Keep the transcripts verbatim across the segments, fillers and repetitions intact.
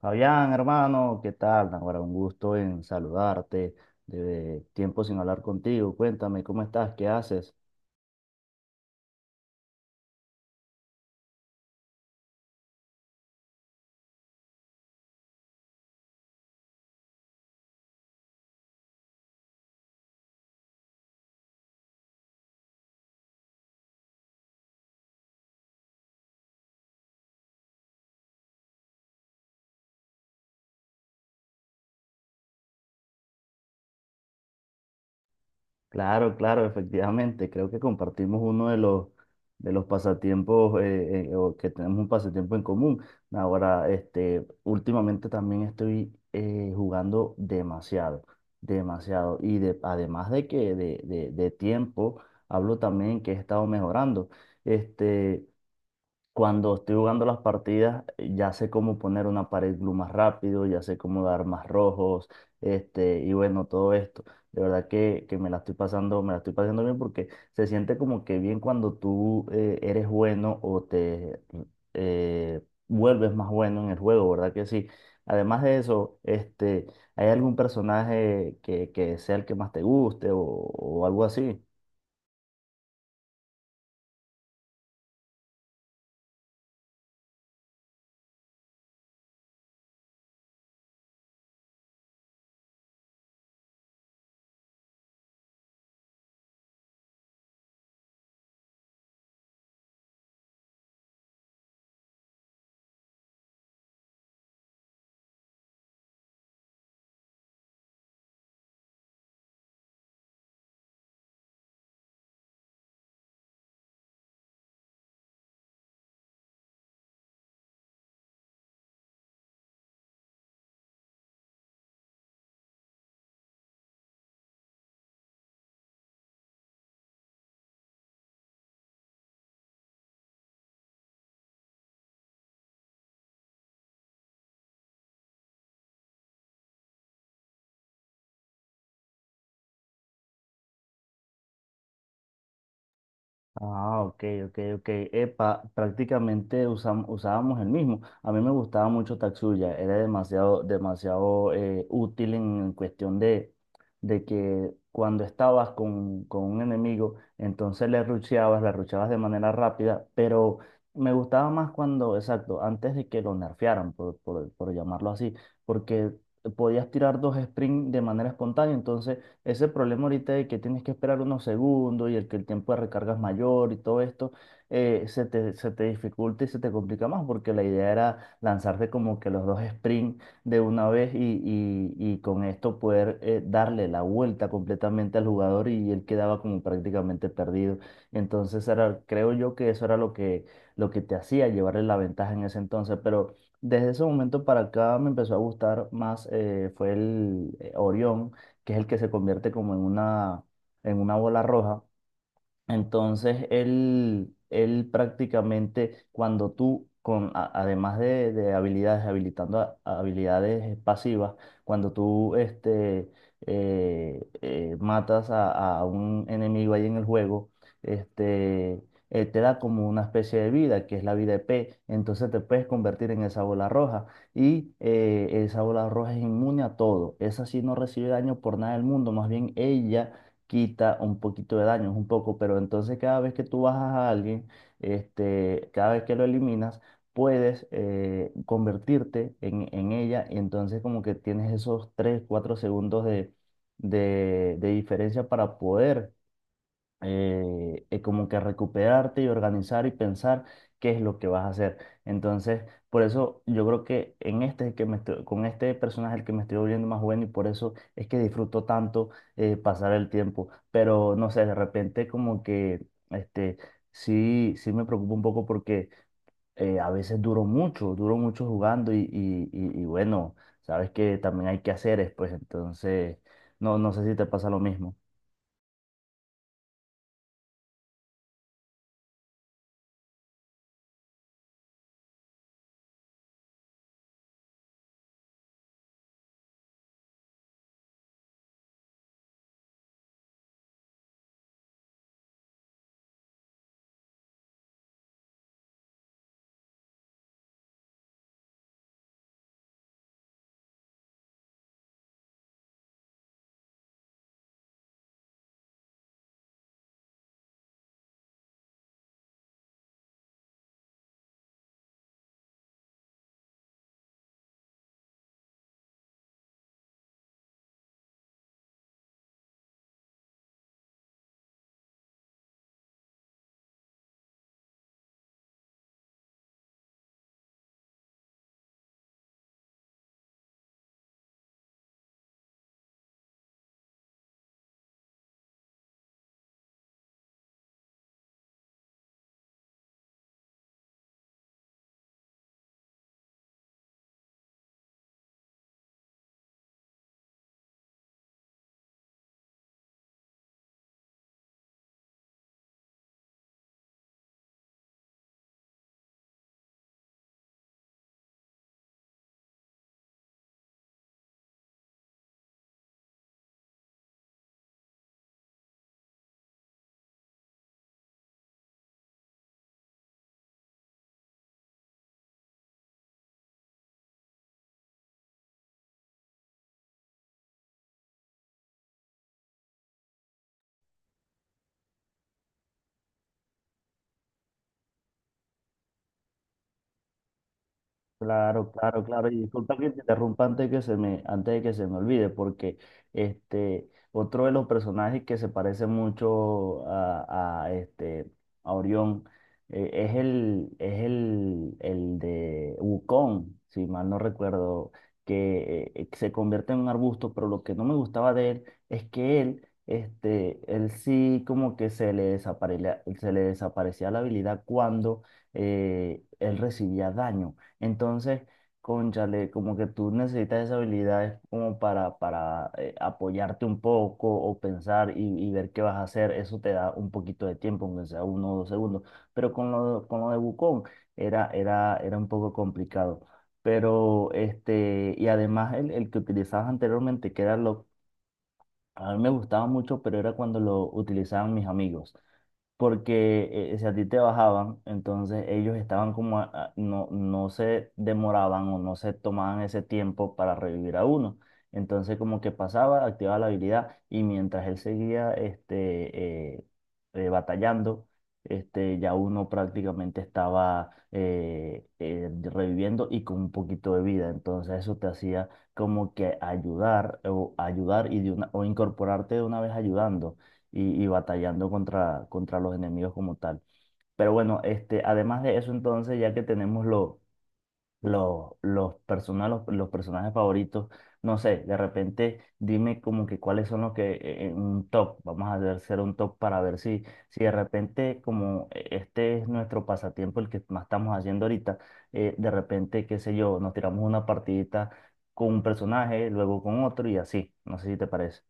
Fabián, hermano, ¿qué tal? Ahora un gusto en saludarte. De tiempo sin hablar contigo. Cuéntame, ¿cómo estás? ¿Qué haces? Claro, claro, efectivamente. Creo que compartimos uno de los, de los pasatiempos, eh, eh, o que tenemos un pasatiempo en común. Ahora, este, últimamente también estoy eh, jugando demasiado, demasiado. Y de, además de que de, de de tiempo, hablo también que he estado mejorando. Este. Cuando estoy jugando las partidas, eh, ya sé cómo poner una pared blue más rápido, ya sé cómo dar más rojos, este, y bueno, todo esto. De verdad que, que me la estoy pasando, me la estoy pasando bien porque se siente como que bien cuando tú eh, eres bueno o te eh, vuelves más bueno en el juego, ¿verdad que sí? Además de eso, este, ¿hay algún personaje que, que sea el que más te guste o o algo así? Ah, ok, ok, ok. Epa, prácticamente usam- usábamos el mismo. A mí me gustaba mucho Tatsuya, era demasiado, demasiado eh, útil en cuestión de, de que cuando estabas con, con un enemigo, entonces le rusheabas, le rusheabas de manera rápida, pero me gustaba más cuando, exacto, antes de que lo nerfearan, por, por por llamarlo así, porque podías tirar dos sprints de manera espontánea, entonces ese problema ahorita de que tienes que esperar unos segundos y el que el tiempo de recarga es mayor y todo esto, eh, se te, se te dificulta y se te complica más porque la idea era lanzarte como que los dos sprint de una vez y, y- y con esto poder eh, darle la vuelta completamente al jugador y él quedaba como prácticamente perdido. Entonces era, creo yo que eso era lo que, lo que te hacía llevarle la ventaja en ese entonces, pero… Desde ese momento para acá me empezó a gustar más, eh, fue el eh, Orión, que es el que se convierte como en una, en una bola roja. Entonces, él, él prácticamente, cuando tú, con, a- además de, de habilidades, habilitando a- a habilidades pasivas, cuando tú este, eh, eh, matas a, a un enemigo ahí en el juego, este, eh, te da como una especie de vida, que es la vida E P Entonces te puedes convertir en esa bola roja. Y eh, esa bola roja es inmune a todo. Esa sí no recibe daño por nada del mundo. Más bien ella quita un poquito de daño, es un poco, pero entonces cada vez que tú bajas a alguien, este, cada vez que lo eliminas, puedes eh, convertirte en, en ella y entonces como que tienes esos tres cuatro segundos de, de, de diferencia para poder eh, eh, como que recuperarte y organizar y pensar qué es lo que vas a hacer. Entonces, por eso yo creo que en este que me estoy- con este personaje el que me estoy volviendo más bueno y por eso es que disfruto tanto eh, pasar el tiempo. Pero no sé, de repente como que este sí, sí me preocupa un poco porque eh, a veces duro mucho, duro mucho jugando y, y, y, y bueno, sabes que también hay que hacer pues entonces no, no sé si te pasa lo mismo. Claro, claro, claro. Y disculpa que te interrumpa antes de que se me, antes de que se me olvide, porque este, otro de los personajes que se parece mucho a, a, este, a Orión, eh, es el, es el, el de Wukong, si mal no recuerdo, que eh, se convierte en un arbusto, pero lo que no me gustaba de él es que él, este, él sí como que se le desaparecía, se le desaparecía la habilidad cuando eh, él recibía daño. Entonces, cónchale, como que tú necesitas esas habilidades como para, para eh, apoyarte un poco o pensar y, y ver qué vas a hacer. Eso te da un poquito de tiempo, aunque sea uno o dos segundos. Pero con lo, con lo de Wukong era, era, era un poco complicado. Pero, este, y además el, el que utilizabas anteriormente, que era lo, a mí me gustaba mucho, pero era cuando lo utilizaban mis amigos porque eh, si a ti te bajaban, entonces ellos estaban como, a- a- no, no se demoraban o no se tomaban ese tiempo para revivir a uno. Entonces como que pasaba, activaba la habilidad y mientras él seguía este, eh, eh, batallando, este, ya uno prácticamente estaba eh, eh, reviviendo y con un poquito de vida. Entonces eso te hacía como que ayudar o ayudar y de una, o incorporarte de una vez ayudando y, y batallando contra, contra los enemigos como tal. Pero bueno, este, además de eso, entonces, ya que tenemos lo- lo- los, persona- los, los personajes favoritos, no sé, de repente dime como que cuáles son los que eh, en un top, vamos a hacer un top para ver si, si de repente como eh, este es nuestro pasatiempo, el que más estamos haciendo ahorita, eh, de repente, qué sé yo, nos tiramos una partidita con un personaje, luego con otro y así, no sé si te parece.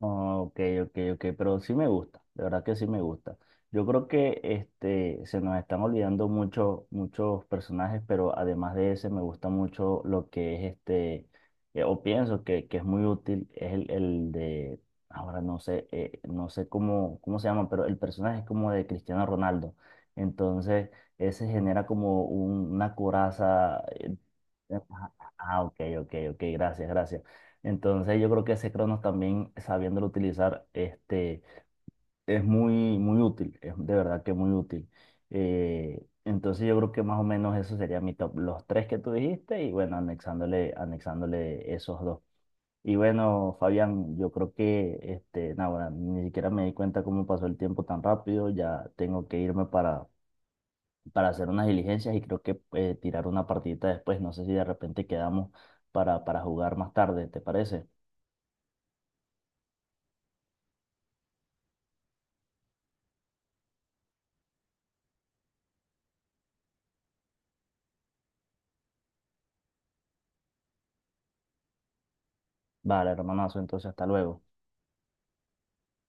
Ah, ok, ok, ok, pero sí me gusta, de verdad que sí me gusta. Yo creo que este, se nos están olvidando mucho, muchos personajes, pero además de ese me gusta mucho lo que es este, eh, o pienso que, que es muy útil, es el, el de, ahora no sé, eh, no sé cómo, cómo se llama, pero el personaje es como de Cristiano Ronaldo. Entonces, ese genera como un- una coraza. Eh, ah, ah, ok, ok, ok, gracias, gracias. Entonces yo creo que ese Cronos también sabiéndolo utilizar este, es muy, muy útil, es de verdad que muy útil. Eh, entonces yo creo que más o menos eso sería mi top, los tres que tú dijiste y bueno, anexándole, anexándole esos dos. Y bueno, Fabián, yo creo que este, nada, bueno, ni siquiera me di cuenta cómo pasó el tiempo tan rápido, ya tengo que irme para, para hacer unas diligencias y creo que eh, tirar una partidita después, no sé si de repente quedamos para, para jugar más tarde, ¿te parece? Vale, hermanazo, entonces hasta luego.